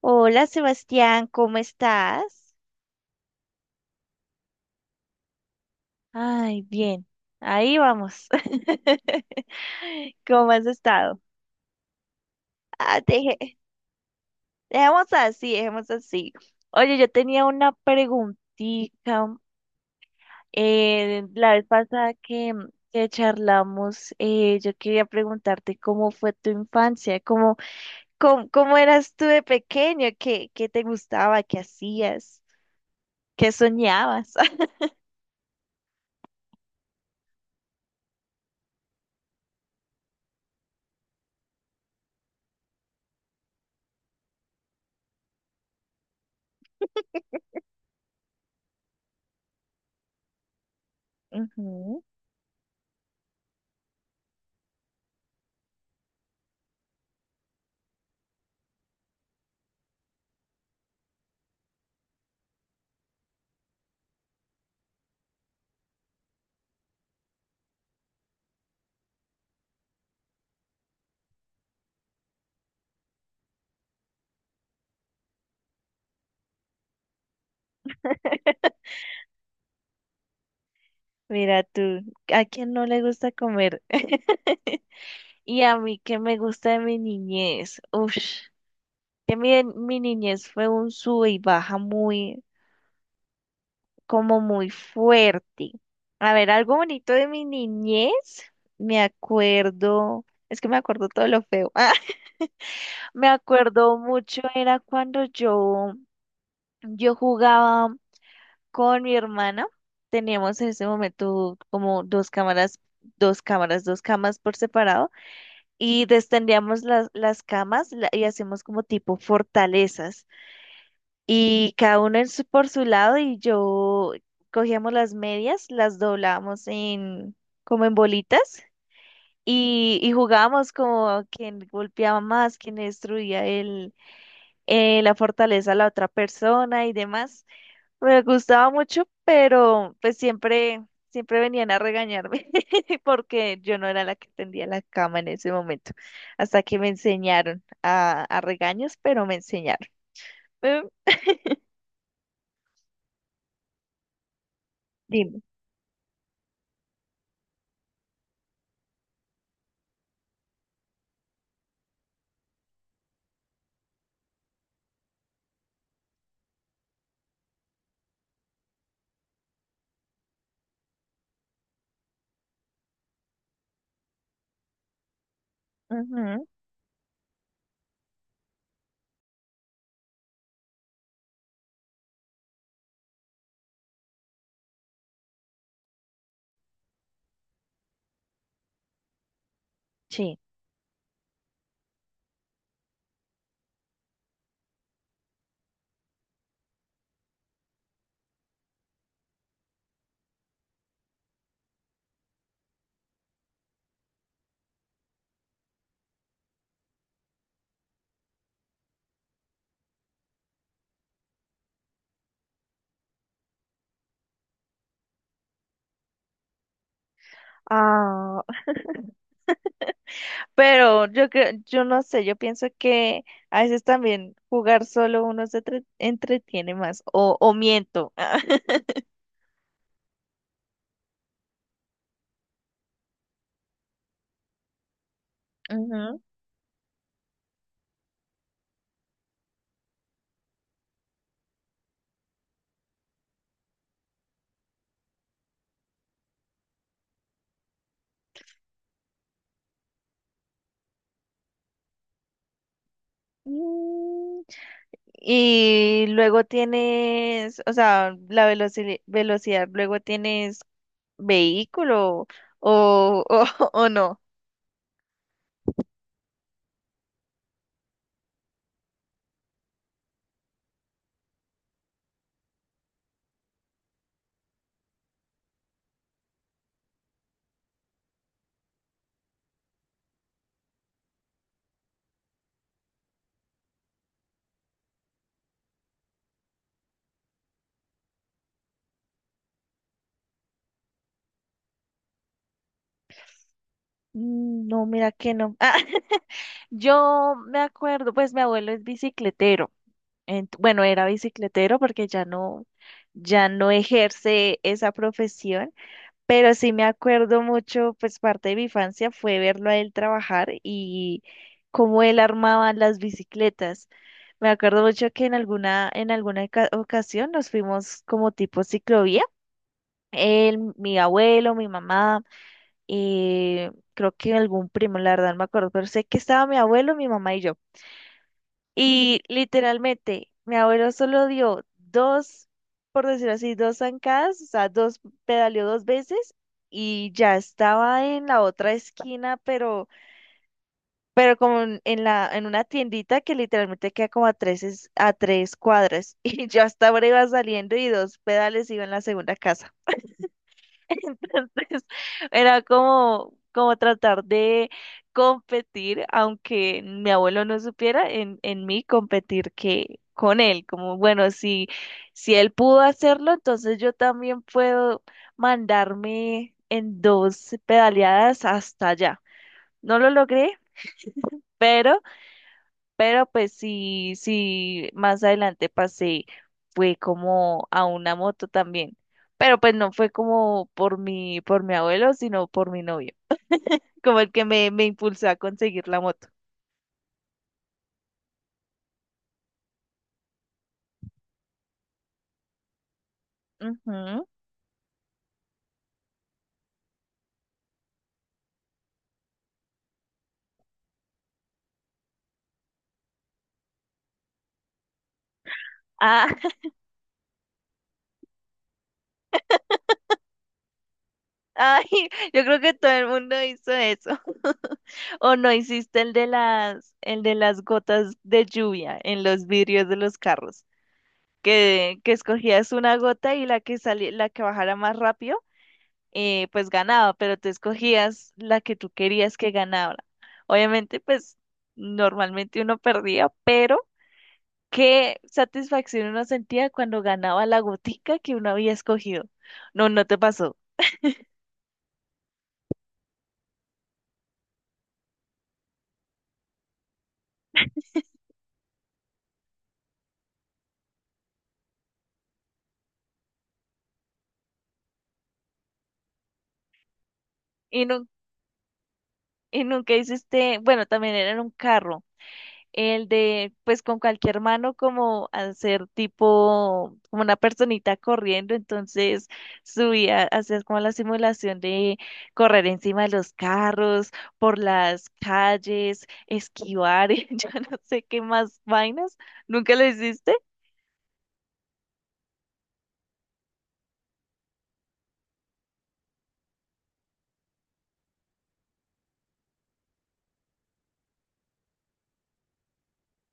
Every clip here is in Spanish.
Hola Sebastián, ¿cómo estás? Ay, bien, ahí vamos. ¿Cómo has estado? Ah, deje- Dejemos así, dejemos así. Oye, yo tenía una preguntita. La vez pasada que charlamos, yo quería preguntarte cómo fue tu infancia, cómo, cómo, cómo eras tú de pequeño, qué, qué te gustaba, qué hacías, qué soñabas. Ujú. Mira tú, ¿a quién no le gusta comer? Y a mí ¿qué me gusta de mi niñez? Uf, que mi niñez fue un sube y baja muy, como muy fuerte. A ver, algo bonito de mi niñez, me acuerdo, es que me acuerdo todo lo feo. Me acuerdo mucho, era cuando yo yo jugaba con mi hermana. Teníamos en ese momento como dos cámaras, dos cámaras, dos camas por separado y destendíamos las camas y hacíamos como tipo fortalezas y cada uno en su, por su lado y yo cogíamos las medias, las doblábamos en como en bolitas y jugábamos como quien golpeaba más, quien destruía el, la fortaleza a la otra persona y demás. Me gustaba mucho, pero pues siempre, siempre venían a regañarme porque yo no era la que tendía la cama en ese momento. Hasta que me enseñaron a regaños, pero me enseñaron. Eh, Dime. Ujú, sí. Ah, pero yo creo, yo no sé, yo pienso que a veces también jugar solo uno se entretiene más, o miento. Ujú. Mm, y luego tienes, o sea, la velocidad, luego tienes vehículo o, o no. Mm, no, mira que no. Ah, yo me acuerdo, pues mi abuelo es bicicletero. Bueno, era bicicletero porque ya no, ya no ejerce esa profesión. Pero sí me acuerdo mucho, pues parte de mi infancia fue verlo a él trabajar y cómo él armaba las bicicletas. Me acuerdo mucho que en alguna ocasión nos fuimos como tipo ciclovía. Él, mi abuelo, mi mamá, creo que algún primo, la verdad no me acuerdo, pero sé que estaba mi abuelo, mi mamá y yo. Y literalmente, mi abuelo solo dio dos, por decirlo así, dos zancadas, o sea, dos, pedaleó dos veces y ya estaba en la otra esquina, pero como en una tiendita que literalmente queda como a tres, a tres cuadras. Y yo hasta ahora iba saliendo y dos pedales iba en la segunda casa. Entonces, era como, como tratar de competir, aunque mi abuelo no supiera, en mí competir que con él, como bueno, si, si él pudo hacerlo, entonces yo también puedo mandarme en dos pedaleadas hasta allá. No lo logré, pero pero pues sí, sí, más adelante pasé, fue como a una moto también. Pero pues no fue como por por mi abuelo, sino por mi novio, como el que me impulsó a conseguir la moto. Ujú. Ah, ay, yo creo que todo el mundo hizo eso. ¿O no hiciste el de las gotas de lluvia en los vidrios de los carros, que escogías una gota y la que salía, la que bajara más rápido pues ganaba, pero tú escogías la que tú querías que ganara? Obviamente, pues normalmente uno perdía, pero qué satisfacción uno sentía cuando ganaba la gotica que uno había escogido. ¿No, no te pasó? Y, y nunca hiciste, bueno, también era en un carro. El de, pues con cualquier mano como hacer tipo, como una personita corriendo, entonces subía, hacías como la simulación de correr encima de los carros, por las calles, esquivar, y yo no sé qué más vainas, ¿nunca lo hiciste?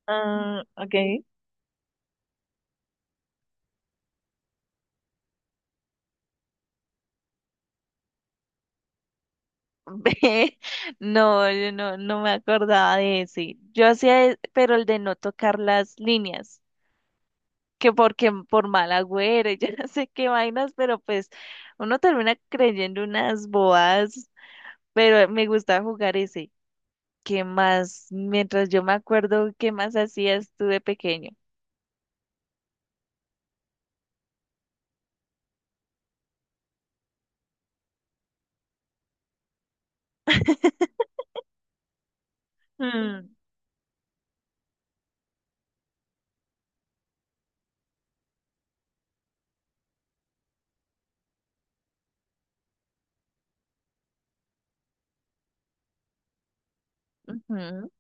Ah, okay. No, yo no, no me acordaba de ese. Yo hacía, pero el de no tocar las líneas. Que porque por mal agüero, y yo no sé qué vainas, pero pues uno termina creyendo unas bobadas, pero me gustaba jugar ese. ¿Qué más? Mientras yo me acuerdo, ¿qué más hacías tú de pequeño? Mm, ujú,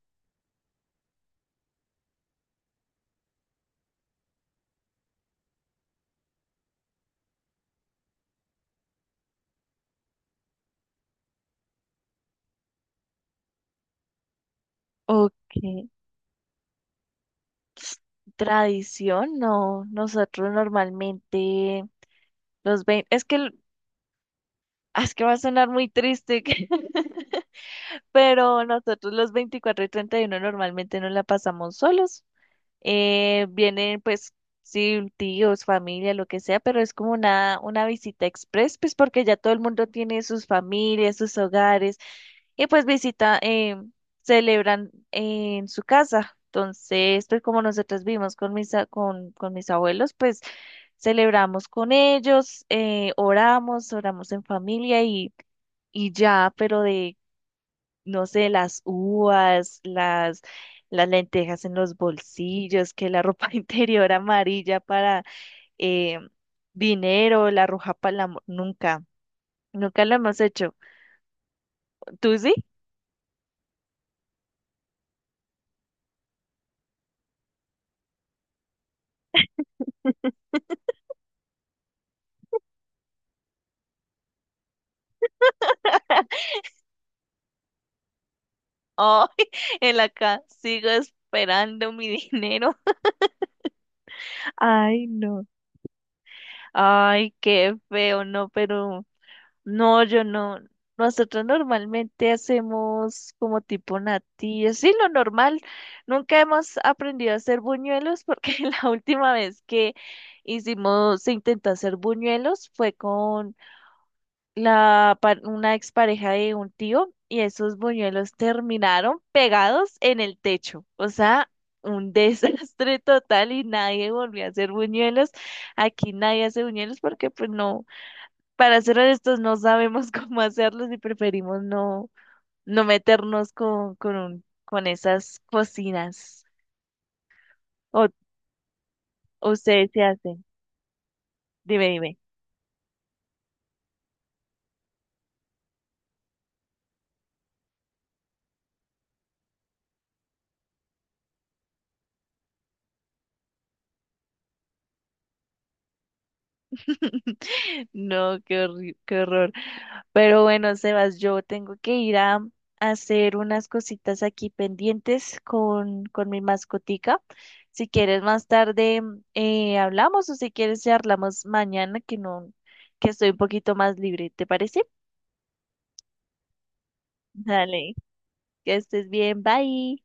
ok. Tradición, no. Nosotros normalmente es que es que va a sonar muy triste, pero nosotros los 24 y 31 normalmente nos la pasamos solos. Vienen pues sí, tíos, familia, lo que sea, pero es como una visita express, pues porque ya todo el mundo tiene sus familias, sus hogares, y pues visita, celebran en su casa. Entonces, pues como nosotros vivimos con con mis abuelos, pues celebramos con ellos, oramos, oramos en familia y ya, pero de no sé, las lentejas en los bolsillos, que la ropa interior amarilla para eh, dinero, la roja para el amor. Nunca, nunca lo hemos hecho. ¿Tú sí? Ay, en la casa sigo esperando mi dinero. Ay, no. Ay, qué feo, no, pero no, yo no. Nosotros normalmente hacemos como tipo natillas. Sí, lo normal. Nunca hemos aprendido a hacer buñuelos porque la última vez que hicimos, se intentó hacer buñuelos fue con una expareja de un tío y esos buñuelos terminaron pegados en el techo. O sea, un desastre total y nadie volvió a hacer buñuelos. Aquí nadie hace buñuelos porque pues no, para ser honestos, no sabemos cómo hacerlos y preferimos no, no meternos con esas cocinas. O, o ustedes se hacen. Dime, dime. No, qué horror. Pero bueno, Sebas, yo tengo que ir a hacer unas cositas aquí pendientes con mi mascotica. Si quieres más tarde hablamos o si quieres ya hablamos mañana que no, que estoy un poquito más libre, ¿te parece? Dale. Que estés bien, bye.